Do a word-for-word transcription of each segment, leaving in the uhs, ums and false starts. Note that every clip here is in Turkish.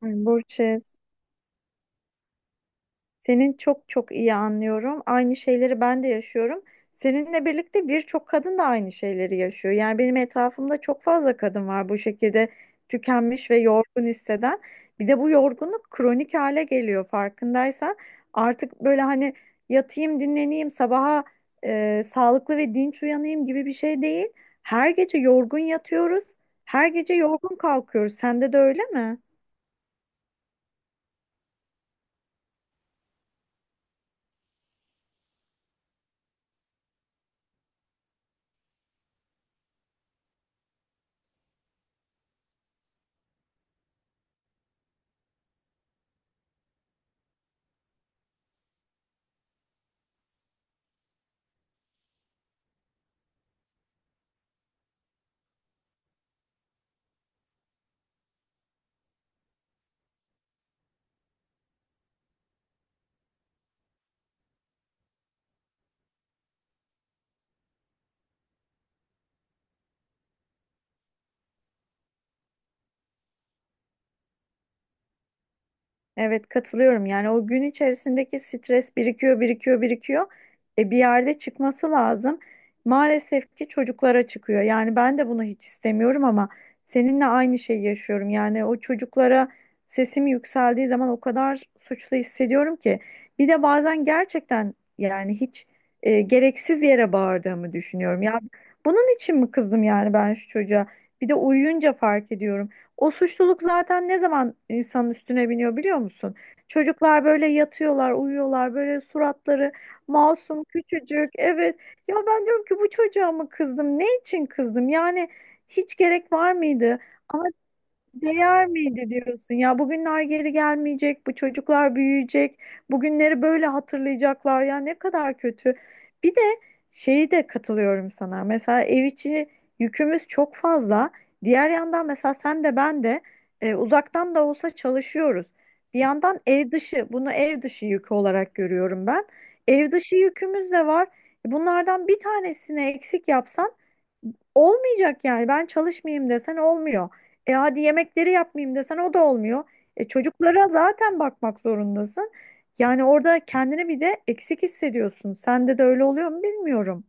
Ay, Burçin, senin çok çok iyi anlıyorum. Aynı şeyleri ben de yaşıyorum. Seninle birlikte birçok kadın da aynı şeyleri yaşıyor. Yani benim etrafımda çok fazla kadın var bu şekilde tükenmiş ve yorgun hisseden. Bir de bu yorgunluk kronik hale geliyor farkındaysan. Artık böyle hani yatayım dinleneyim sabaha e, sağlıklı ve dinç uyanayım gibi bir şey değil. Her gece yorgun yatıyoruz. Her gece yorgun kalkıyoruz. Sende de öyle mi? Evet, katılıyorum. Yani o gün içerisindeki stres birikiyor, birikiyor, birikiyor. E bir yerde çıkması lazım. Maalesef ki çocuklara çıkıyor. Yani ben de bunu hiç istemiyorum ama seninle aynı şeyi yaşıyorum. Yani o çocuklara sesim yükseldiği zaman o kadar suçlu hissediyorum ki. Bir de bazen gerçekten yani hiç e, gereksiz yere bağırdığımı düşünüyorum. Ya bunun için mi kızdım yani ben şu çocuğa? Bir de uyuyunca fark ediyorum. O suçluluk zaten ne zaman insanın üstüne biniyor biliyor musun? Çocuklar böyle yatıyorlar, uyuyorlar, böyle suratları masum, küçücük. Evet. Ya ben diyorum ki bu çocuğa mı kızdım? Ne için kızdım? Yani hiç gerek var mıydı? Değer miydi diyorsun, ya bugünler geri gelmeyecek, bu çocuklar büyüyecek, bugünleri böyle hatırlayacaklar ya ne kadar kötü. Bir de şeyi de katılıyorum sana, mesela ev içi yükümüz çok fazla, diğer yandan mesela sen de ben de e, uzaktan da olsa çalışıyoruz. Bir yandan ev dışı, bunu ev dışı yükü olarak görüyorum ben, ev dışı yükümüz de var. Bunlardan bir tanesini eksik yapsan olmayacak yani. Ben çalışmayayım desen olmuyor. E hadi yemekleri yapmayayım desen o da olmuyor. E çocuklara zaten bakmak zorundasın. Yani orada kendini bir de eksik hissediyorsun. Sende de öyle oluyor mu bilmiyorum.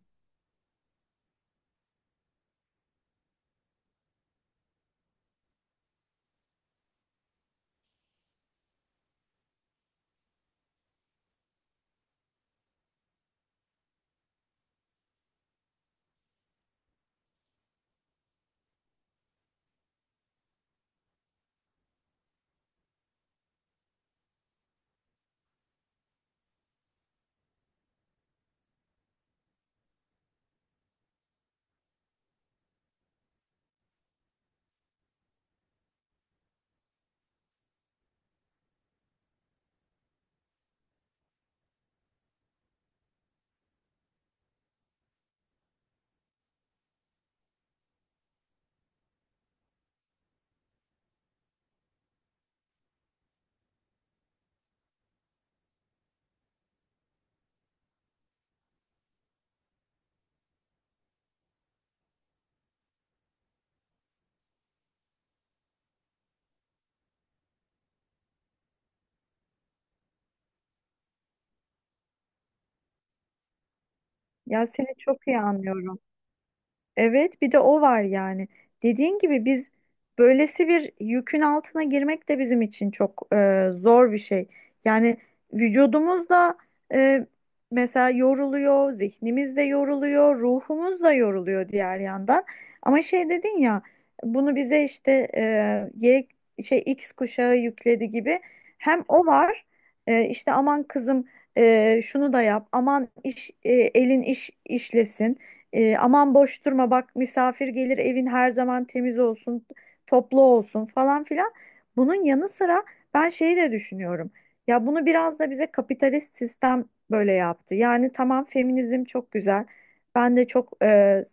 Ya seni çok iyi anlıyorum. Evet, bir de o var yani. Dediğin gibi biz böylesi bir yükün altına girmek de bizim için çok e, zor bir şey. Yani vücudumuz da e, mesela yoruluyor, zihnimiz de yoruluyor, ruhumuz da yoruluyor diğer yandan. Ama şey dedin ya, bunu bize işte e, Y şey X kuşağı yükledi gibi. Hem o var, e, işte aman kızım e, şunu da yap, aman iş e, elin iş işlesin. E, aman boş durma bak misafir gelir evin her zaman temiz olsun, toplu olsun falan filan. Bunun yanı sıra ben şeyi de düşünüyorum. Ya bunu biraz da bize kapitalist sistem böyle yaptı. Yani tamam feminizm çok güzel. Ben de çok e,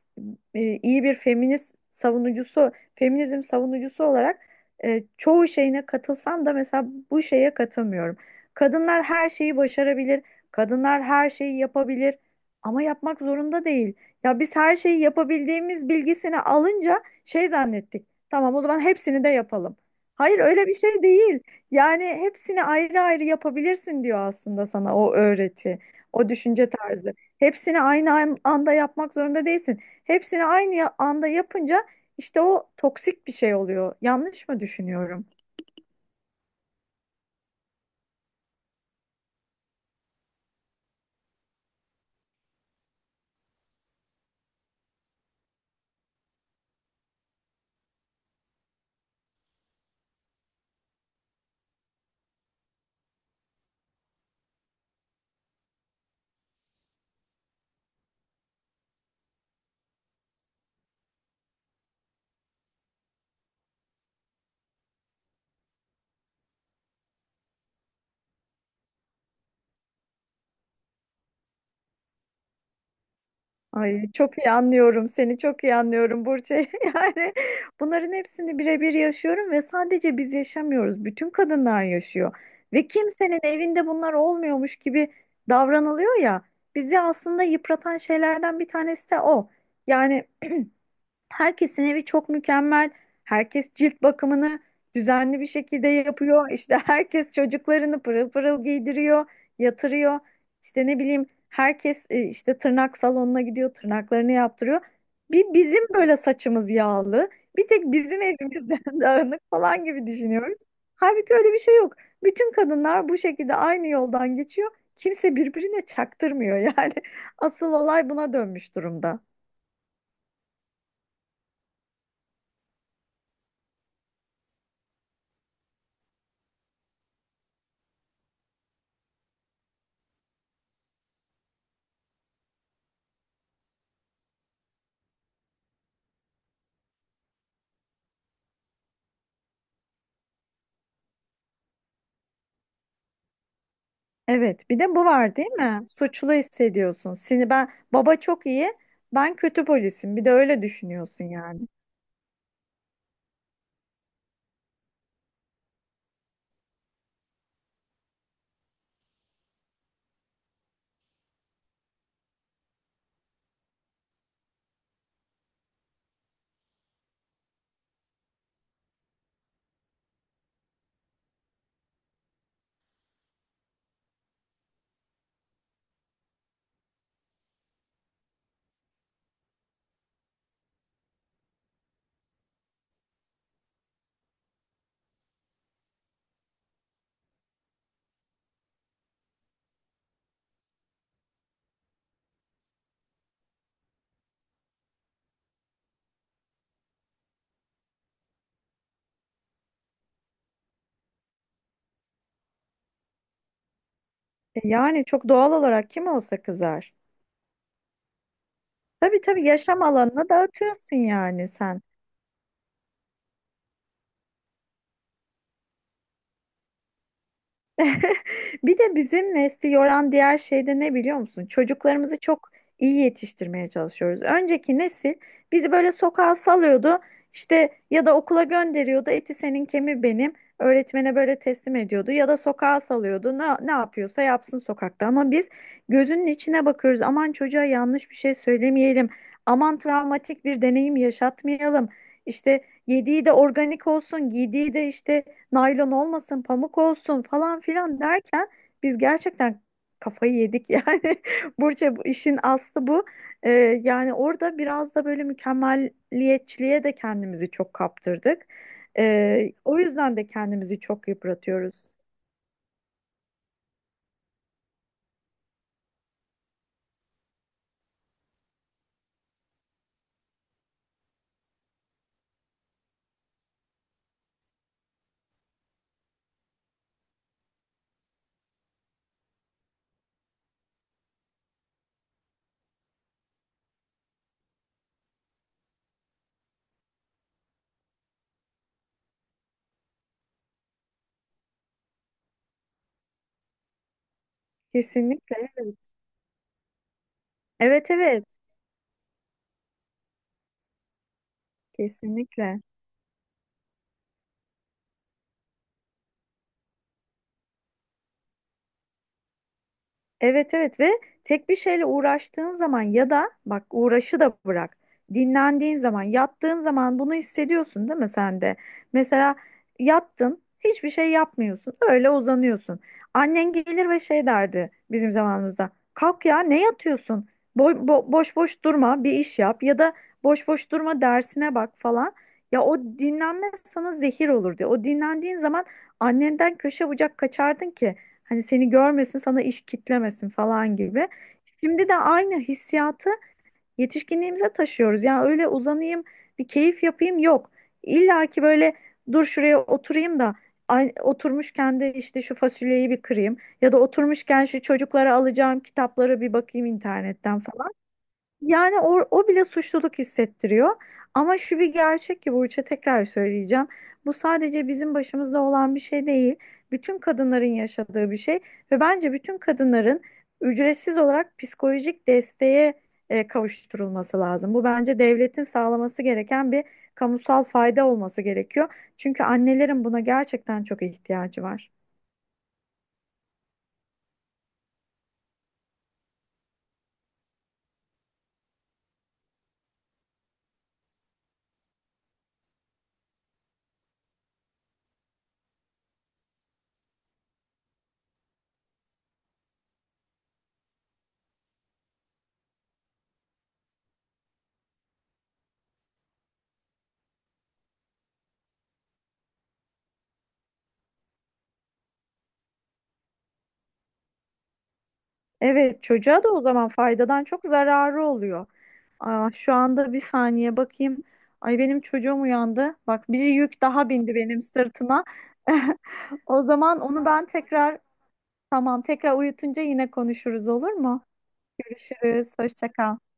e, iyi bir feminist savunucusu, feminizm savunucusu olarak e, çoğu şeyine katılsam da mesela bu şeye katılmıyorum. Kadınlar her şeyi başarabilir, kadınlar her şeyi yapabilir ama yapmak zorunda değil. Ya biz her şeyi yapabildiğimiz bilgisini alınca şey zannettik. Tamam o zaman hepsini de yapalım. Hayır öyle bir şey değil. Yani hepsini ayrı ayrı yapabilirsin diyor aslında sana o öğreti, o düşünce tarzı. Hepsini aynı an- anda yapmak zorunda değilsin. Hepsini aynı ya- anda yapınca işte o toksik bir şey oluyor. Yanlış mı düşünüyorum? Ay çok iyi anlıyorum seni, çok iyi anlıyorum Burçe. Yani bunların hepsini birebir yaşıyorum ve sadece biz yaşamıyoruz. Bütün kadınlar yaşıyor. Ve kimsenin evinde bunlar olmuyormuş gibi davranılıyor ya. Bizi aslında yıpratan şeylerden bir tanesi de o. Yani herkesin evi çok mükemmel. Herkes cilt bakımını düzenli bir şekilde yapıyor. İşte herkes çocuklarını pırıl pırıl giydiriyor, yatırıyor. İşte ne bileyim herkes e, işte tırnak salonuna gidiyor, tırnaklarını yaptırıyor. Bir bizim böyle saçımız yağlı, bir tek bizim evimizden dağınık falan gibi düşünüyoruz. Halbuki öyle bir şey yok. Bütün kadınlar bu şekilde aynı yoldan geçiyor. Kimse birbirine çaktırmıyor yani. Asıl olay buna dönmüş durumda. Evet, bir de bu var değil mi? Suçlu hissediyorsun. Seni ben, baba çok iyi, ben kötü polisim. Bir de öyle düşünüyorsun yani. E yani çok doğal olarak kim olsa kızar. Tabii tabii, yaşam alanını dağıtıyorsun yani sen. Bir de bizim nesli yoran diğer şey de ne biliyor musun? Çocuklarımızı çok iyi yetiştirmeye çalışıyoruz. Önceki nesil bizi böyle sokağa salıyordu. İşte ya da okula gönderiyordu. Eti senin kemiği benim. Öğretmene böyle teslim ediyordu ya da sokağa salıyordu. Ne, ne yapıyorsa yapsın sokakta. Ama biz gözünün içine bakıyoruz. Aman çocuğa yanlış bir şey söylemeyelim. Aman travmatik bir deneyim yaşatmayalım. İşte yediği de organik olsun, giydiği de işte naylon olmasın, pamuk olsun falan filan derken biz gerçekten kafayı yedik yani. Burça bu işin aslı bu. Ee, Yani orada biraz da böyle mükemmelliyetçiliğe de kendimizi çok kaptırdık. Ee, o yüzden de kendimizi çok yıpratıyoruz. Kesinlikle evet. Evet evet, kesinlikle. Evet evet ve tek bir şeyle uğraştığın zaman, ya da bak uğraşı da bırak. Dinlendiğin zaman, yattığın zaman bunu hissediyorsun değil mi sen de? Mesela yattın, hiçbir şey yapmıyorsun. Öyle uzanıyorsun. Annen gelir ve şey derdi bizim zamanımızda. Kalk ya ne yatıyorsun? Bo bo- boş boş durma, bir iş yap ya da boş boş durma, dersine bak falan. Ya o dinlenme sana zehir olur diye. O dinlendiğin zaman annenden köşe bucak kaçardın ki. Hani seni görmesin, sana iş kitlemesin falan gibi. Şimdi de aynı hissiyatı yetişkinliğimize taşıyoruz. Ya öyle uzanayım, bir keyif yapayım yok. İlla ki böyle dur şuraya oturayım da ay- oturmuşken de işte şu fasulyeyi bir kırayım ya da oturmuşken şu çocuklara alacağım kitaplara bir bakayım internetten, yani o, o bile suçluluk hissettiriyor. Ama şu bir gerçek ki Burç'a tekrar söyleyeceğim. Bu sadece bizim başımızda olan bir şey değil. Bütün kadınların yaşadığı bir şey ve bence bütün kadınların ücretsiz olarak psikolojik desteğe e, kavuşturulması lazım. Bu bence devletin sağlaması gereken bir kamusal fayda olması gerekiyor. Çünkü annelerin buna gerçekten çok ihtiyacı var. Evet, çocuğa da o zaman faydadan çok zararı oluyor. Aa, şu anda bir saniye bakayım. Ay benim çocuğum uyandı. Bak bir yük daha bindi benim sırtıma. O zaman onu ben tekrar, tamam tekrar uyutunca yine konuşuruz olur mu? Görüşürüz. Hoşça kal.